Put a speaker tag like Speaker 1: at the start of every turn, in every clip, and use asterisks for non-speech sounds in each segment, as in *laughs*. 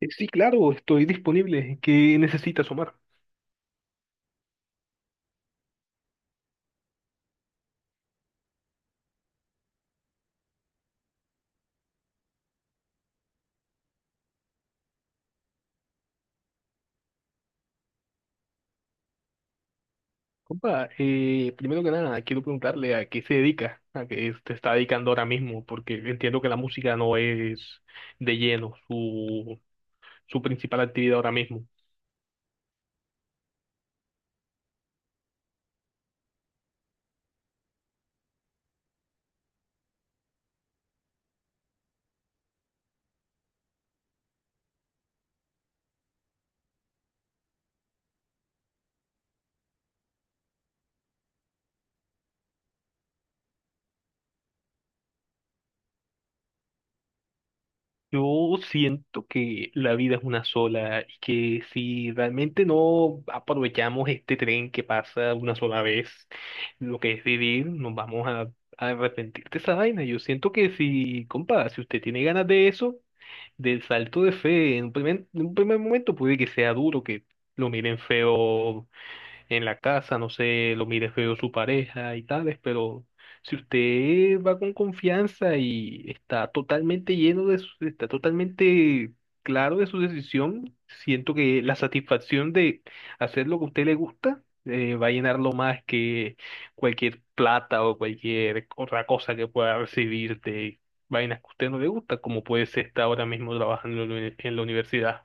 Speaker 1: Sí, claro, estoy disponible. ¿Qué necesitas, Omar? Compa, primero que nada, quiero preguntarle a qué se dedica, a qué se está dedicando ahora mismo, porque entiendo que la música no es de lleno su principal actividad ahora mismo. Yo siento que la vida es una sola y que si realmente no aprovechamos este tren que pasa una sola vez, lo que es vivir, nos vamos a arrepentir de esa vaina. Yo siento que si, compa, si usted tiene ganas de eso, de salto de fe. En un primer momento puede que sea duro, que lo miren feo en la casa, no sé, lo mire feo su pareja y tales, pero si usted va con confianza y está totalmente lleno de su, está totalmente claro de su decisión, siento que la satisfacción de hacer lo que a usted le gusta va a llenarlo más que cualquier plata o cualquier otra cosa que pueda recibir de vainas que a usted no le gusta, como puede ser estar ahora mismo trabajando en en la universidad.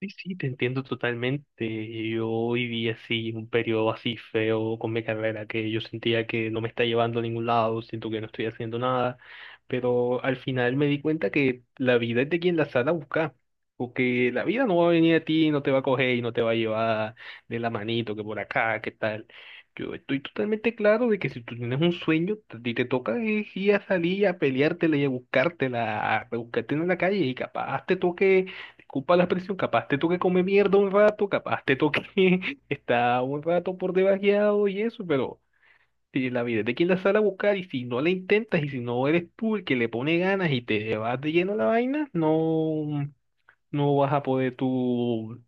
Speaker 1: Sí, sí, te entiendo totalmente. Yo viví así, un periodo así feo con mi carrera, que yo sentía que no me está llevando a ningún lado, siento que no estoy haciendo nada, pero al final me di cuenta que la vida es de quien la sale a buscar, porque la vida no va a venir a ti, no te va a coger y no te va a llevar de la manito, que por acá, que tal. Yo estoy totalmente claro de que si tú tienes un sueño, a ti te toca es ir a salir, a peleártela y a buscártela, a buscarte en la calle y capaz te toque ocupa la presión, capaz te toque comer mierda un rato, capaz te toque *laughs* estar un rato por debajeado y eso, pero si la vida es de quien la sale a buscar y si no la intentas y si no eres tú el que le pone ganas y te vas de lleno a la vaina, no, no vas a poder tú,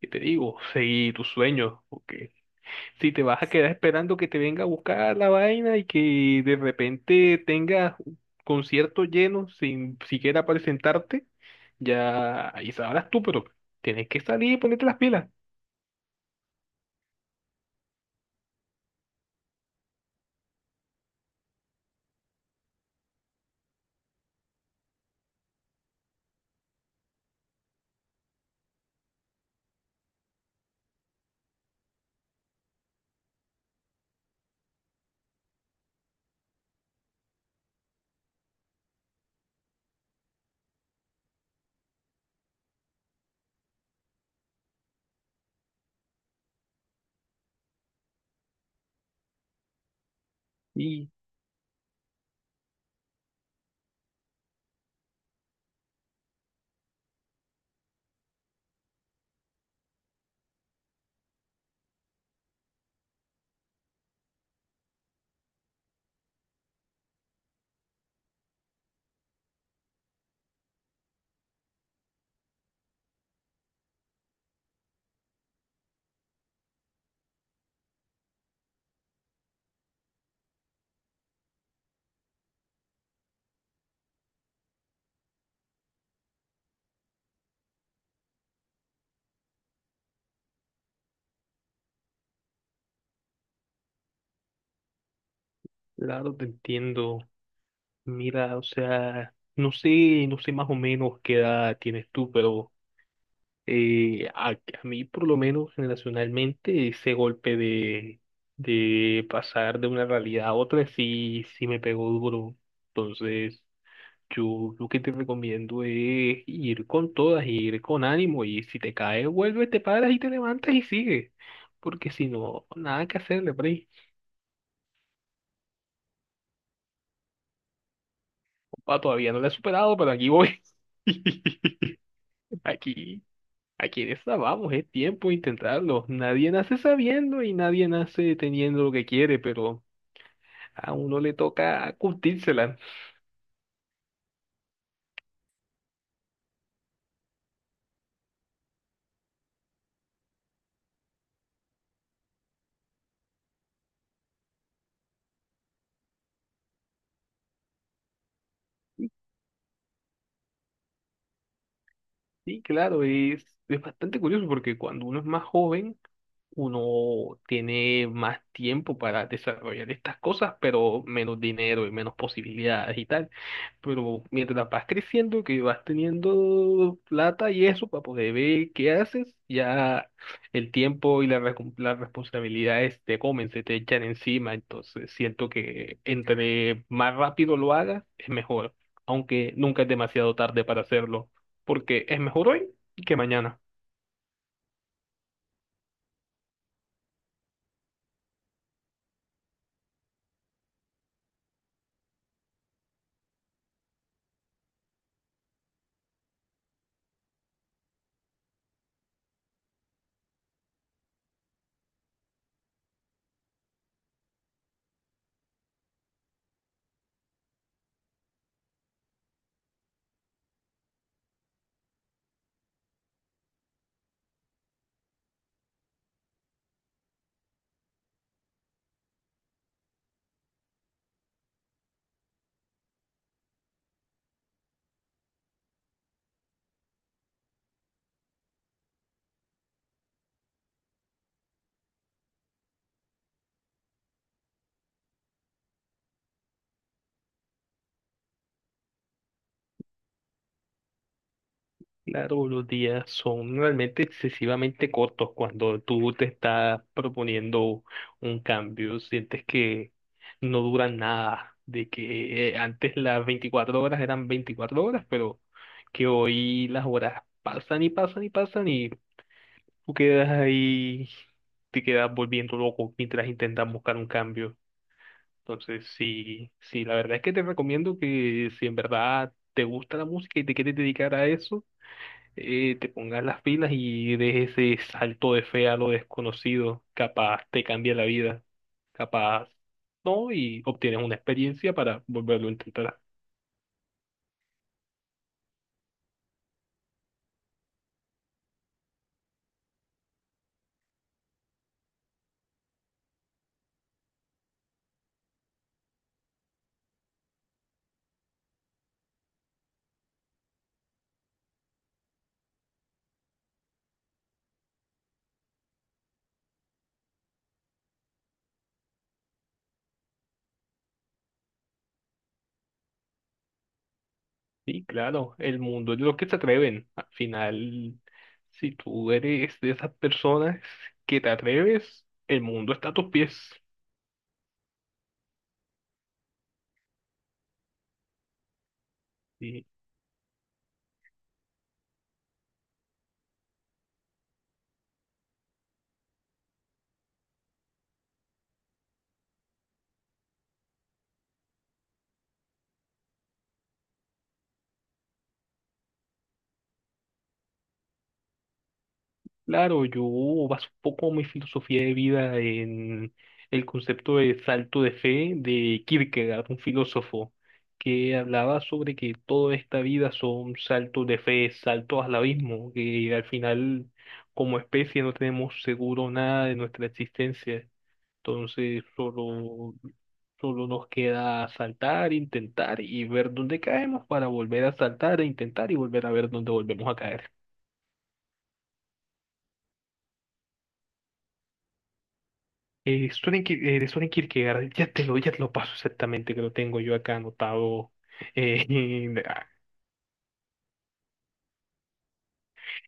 Speaker 1: ¿qué te digo? Seguir tus sueños, porque si te vas a quedar esperando que te venga a buscar la vaina y que de repente tengas conciertos llenos sin siquiera presentarte, ya ahí sabrás tú, pero tienes que salir y ponerte las pilas. Y claro, te entiendo. Mira, o sea, no sé, no sé más o menos qué edad tienes tú, pero a mí por lo menos generacionalmente ese golpe de pasar de una realidad a otra sí, sí me pegó duro. Entonces... Yo lo que te recomiendo es ir con todas, ir con ánimo y si te caes, vuelves, te paras y te levantas y sigue. Porque si no, nada que hacerle, Bray. Pa todavía no la he superado, pero aquí voy. *laughs* Aquí, aquí en esta vamos, es tiempo de intentarlo. Nadie nace sabiendo y nadie nace teniendo lo que quiere, pero a uno le toca curtírsela. Sí, claro, es bastante curioso porque cuando uno es más joven, uno tiene más tiempo para desarrollar estas cosas, pero menos dinero y menos posibilidades y tal. Pero mientras vas creciendo, que vas teniendo plata y eso para poder ver qué haces, ya el tiempo y las responsabilidades te comen, se te echan encima. Entonces siento que entre más rápido lo hagas, es mejor, aunque nunca es demasiado tarde para hacerlo porque es mejor hoy que mañana. Claro, los días son realmente excesivamente cortos cuando tú te estás proponiendo un cambio, sientes que no duran nada, de que antes las 24 horas eran 24 horas, pero que hoy las horas pasan y pasan y pasan y tú quedas ahí, te quedas volviendo loco mientras intentas buscar un cambio. Entonces, sí, sí, la verdad es que te recomiendo que si en verdad te gusta la música y te quieres dedicar a eso, te pongas las pilas y des ese salto de fe a lo desconocido. Capaz te cambia la vida, capaz no, y obtienes una experiencia para volverlo a intentar. Sí, claro, el mundo es de los que se atreven. Al final, si tú eres de esas personas que te atreves, el mundo está a tus pies. Sí. Claro, yo baso un poco mi filosofía de vida en el concepto de salto de fe de Kierkegaard, un filósofo que hablaba sobre que toda esta vida son saltos de fe, saltos al abismo, que al final como especie no tenemos seguro nada de nuestra existencia. Entonces solo nos queda saltar, intentar y ver dónde caemos para volver a saltar e intentar y volver a ver dónde volvemos a caer. De Soren Kierkegaard, ya te lo paso exactamente, que lo tengo yo acá anotado. Eh, *laughs* ah,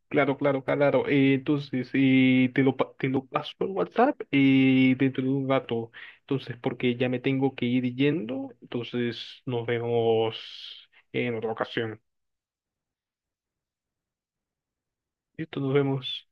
Speaker 1: claro, claro, claro. Entonces, te lo paso por WhatsApp dentro de un rato. Entonces, porque ya me tengo que ir yendo. Entonces, nos vemos en otra ocasión. Listo, nos vemos.